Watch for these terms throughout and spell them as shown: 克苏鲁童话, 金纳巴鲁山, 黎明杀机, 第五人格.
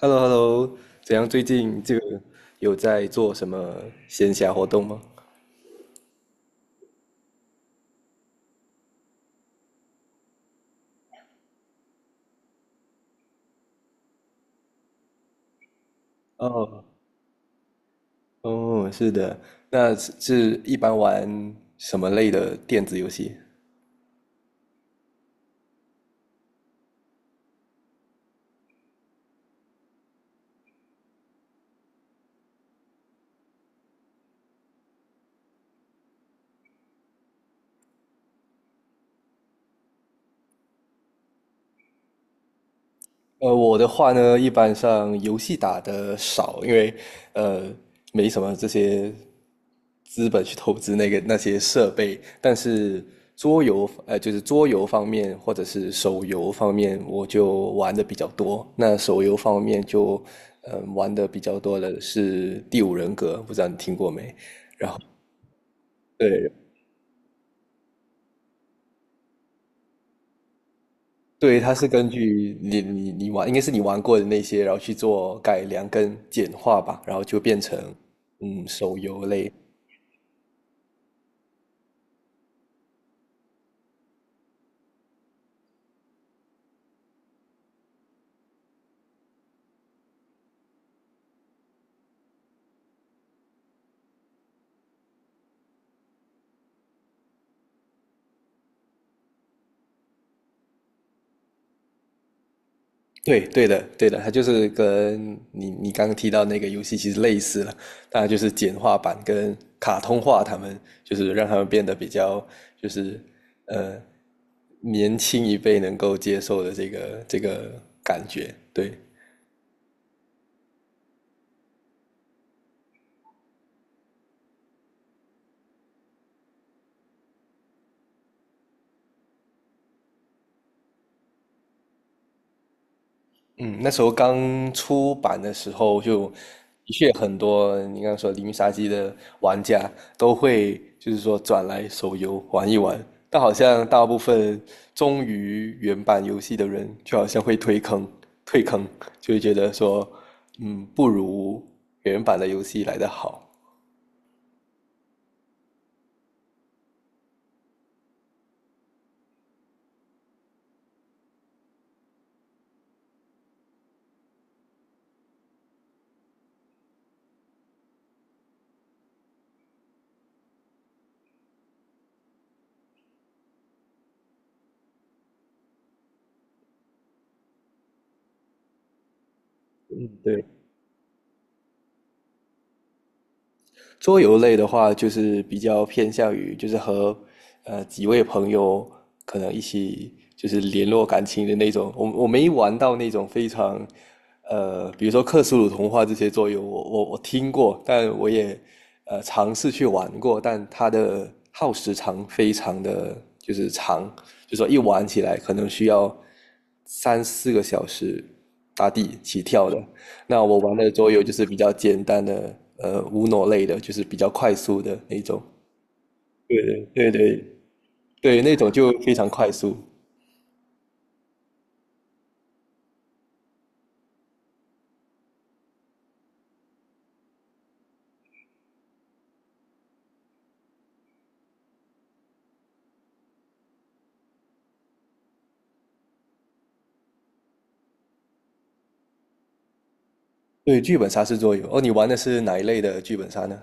h e l l o h e l l o 怎样？最近就有在做什么闲暇活动吗？哦，哦，是的，那是一般玩什么类的电子游戏？我的话呢，一般上游戏打的少，因为呃没什么这些资本去投资那些设备。但是桌游，就是桌游方面或者是手游方面，我就玩的比较多。那手游方面就，玩的比较多的是《第五人格》，不知道你听过没？对，对，它是根据你玩，应该是你玩过的那些，然后去做改良跟简化吧，然后就变成手游类。对，对的，对的，它就是跟你刚刚提到那个游戏其实类似了，当然就是简化版跟卡通化，他们就是让他们变得比较就是呃年轻一辈能够接受的这个感觉，对。嗯，那时候刚出版的时候就，的确很多你刚刚说《黎明杀机》的玩家都会就是说转来手游玩一玩，但好像大部分忠于原版游戏的人，就好像会退坑，退坑，就会觉得说，不如原版的游戏来得好。嗯，对。桌游类的话，就是比较偏向于就是和几位朋友可能一起就是联络感情的那种。我没玩到那种非常比如说克苏鲁童话这些桌游，我听过，但我也尝试去玩过，但它的耗时长非常的就是长，就说一玩起来可能需要3、4个小时打底起跳的。那我玩的桌游就是比较简单的，UN 类的，就是比较快速的那种。对对对对对，那种就非常快速。对，剧本杀是桌游。哦，你玩的是哪一类的剧本杀呢？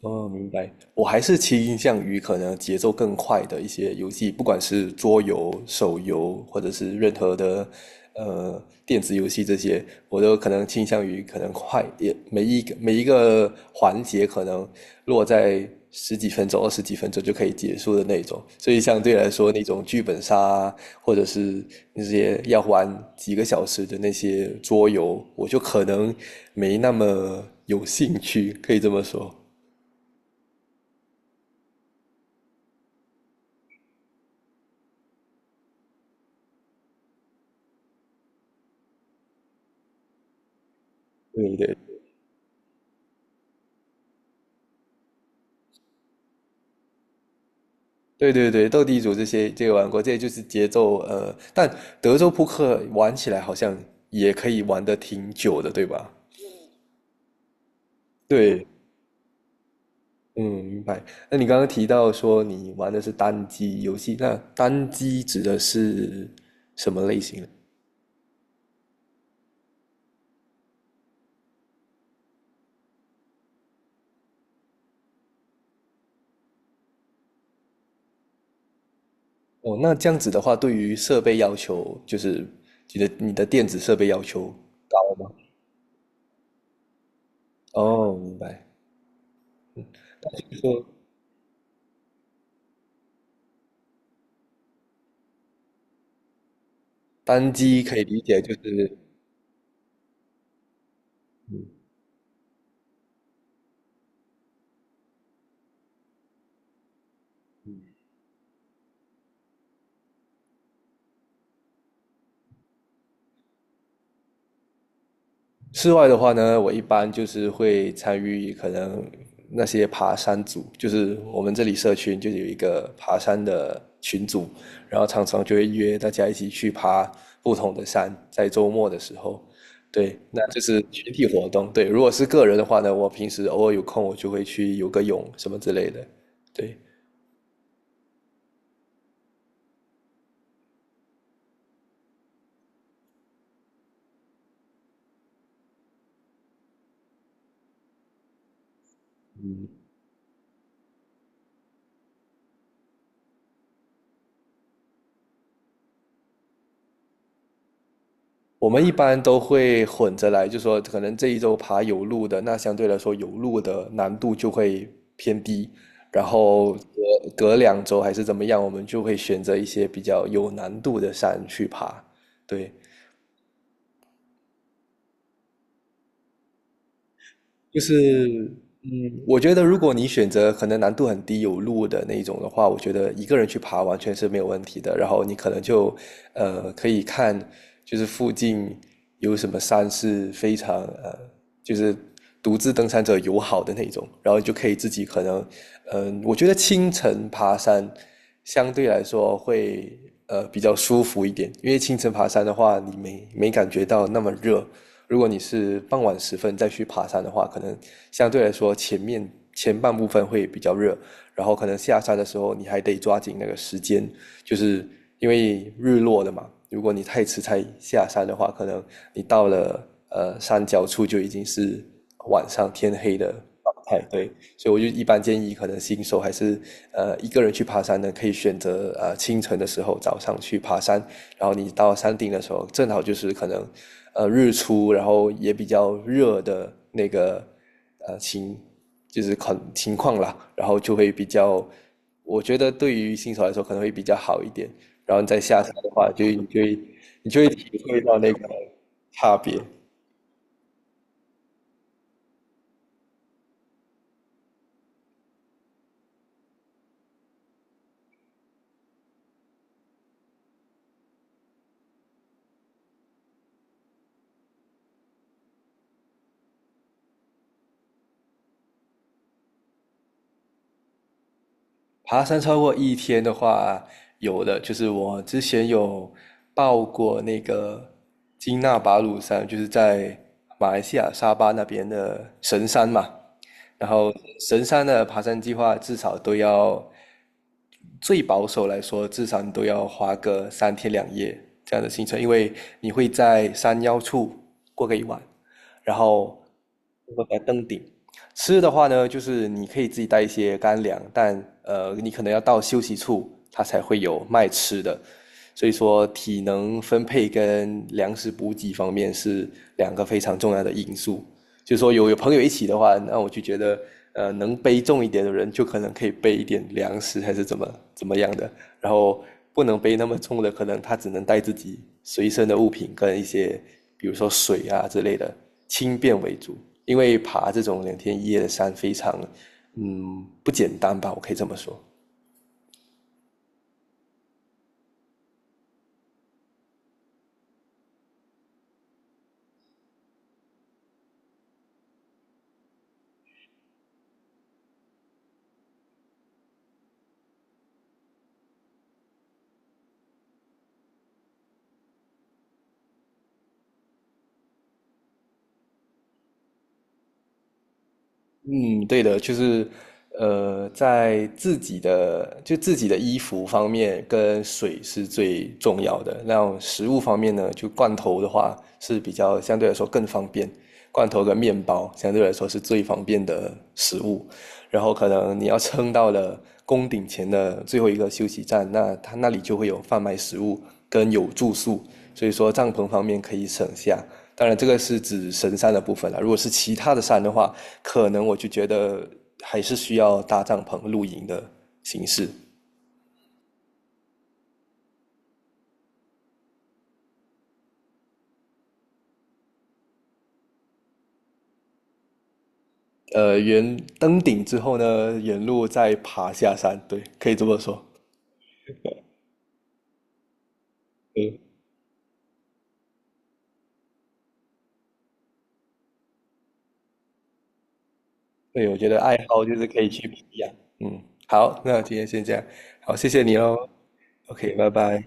哦，明白。我还是倾向于可能节奏更快的一些游戏，不管是桌游、手游，或者是任何的电子游戏这些，我都可能倾向于可能快，也每一个环节可能落在十几分钟、二十几分钟就可以结束的那种。所以相对来说，那种剧本杀啊或者是那些要玩几个小时的那些桌游，我就可能没那么有兴趣，可以这么说。对对对对对，斗地主这些这个玩过，这就是节奏，但德州扑克玩起来好像也可以玩得挺久的，对吧？对，嗯，明白。那你刚刚提到说你玩的是单机游戏，那单机指的是什么类型呢？哦，那这样子的话，对于设备要求，就是你的电子设备要求高吗？哦，明白。就是说单机可以理解就是室外的话呢，我一般就是会参与可能那些爬山组，就是我们这里社群就有一个爬山的群组，然后常常就会约大家一起去爬不同的山，在周末的时候，对，那就是群体活动。对，如果是个人的话呢，我平时偶尔有空我就会去游个泳什么之类的，对。我们一般都会混着来，就说可能这一周爬有路的，那相对来说有路的难度就会偏低，然后隔2周还是怎么样，我们就会选择一些比较有难度的山去爬。对，就是嗯，我觉得如果你选择可能难度很低、有路的那一种的话，我觉得一个人去爬完全是没有问题的。然后你可能就可以看，就是附近有什么山是非常就是独自登山者友好的那种，然后你就可以自己可能我觉得清晨爬山相对来说会比较舒服一点，因为清晨爬山的话，你没感觉到那么热，如果你是傍晚时分再去爬山的话，可能相对来说前半部分会比较热，然后可能下山的时候你还得抓紧那个时间，就是因为日落了嘛。如果你太迟才下山的话，可能你到了山脚处就已经是晚上天黑的状态。对，所以我就一般建议，可能新手还是一个人去爬山呢，可以选择清晨的时候早上去爬山，然后你到山顶的时候，正好就是可能日出，然后也比较热的那个呃情就是情况啦，然后就会比较，我觉得对于新手来说可能会比较好一点。然后你再下山的话，就你就会你就会体会到那个差别。爬山超过一天的话，有的就是我之前有报过那个金纳巴鲁山，就是在马来西亚沙巴那边的神山嘛。然后神山的爬山计划至少都要，最保守来说，至少你都要花个3天2夜这样的行程，因为你会在山腰处过个一晚，然后过在登顶，吃的话呢，就是你可以自己带一些干粮，但你可能要到休息处，它才会有卖吃的。所以说，体能分配跟粮食补给方面是两个非常重要的因素。就是说有朋友一起的话，那我就觉得能背重一点的人就可能可以背一点粮食还是怎么怎么样的，然后不能背那么重的，可能他只能带自己随身的物品跟一些比如说水啊之类的，轻便为主。因为爬这种2天1夜的山非常不简单吧，我可以这么说。嗯，对的，就是在自己的衣服方面跟水是最重要的。那后食物方面呢，就罐头的话是相对来说更方便，罐头跟面包相对来说是最方便的食物。然后可能你要撑到了宫顶前的最后一个休息站，那它那里就会有贩卖食物跟有住宿，所以说帐篷方面可以省下。当然，这个是指神山的部分了。如果是其他的山的话，可能我就觉得还是需要搭帐篷露营的形式。沿登顶之后呢，沿路再爬下山，对，可以这么说。嗯，对，我觉得爱好就是可以去不一样。嗯，好，那今天先这样，好，谢谢你哦。OK，拜拜。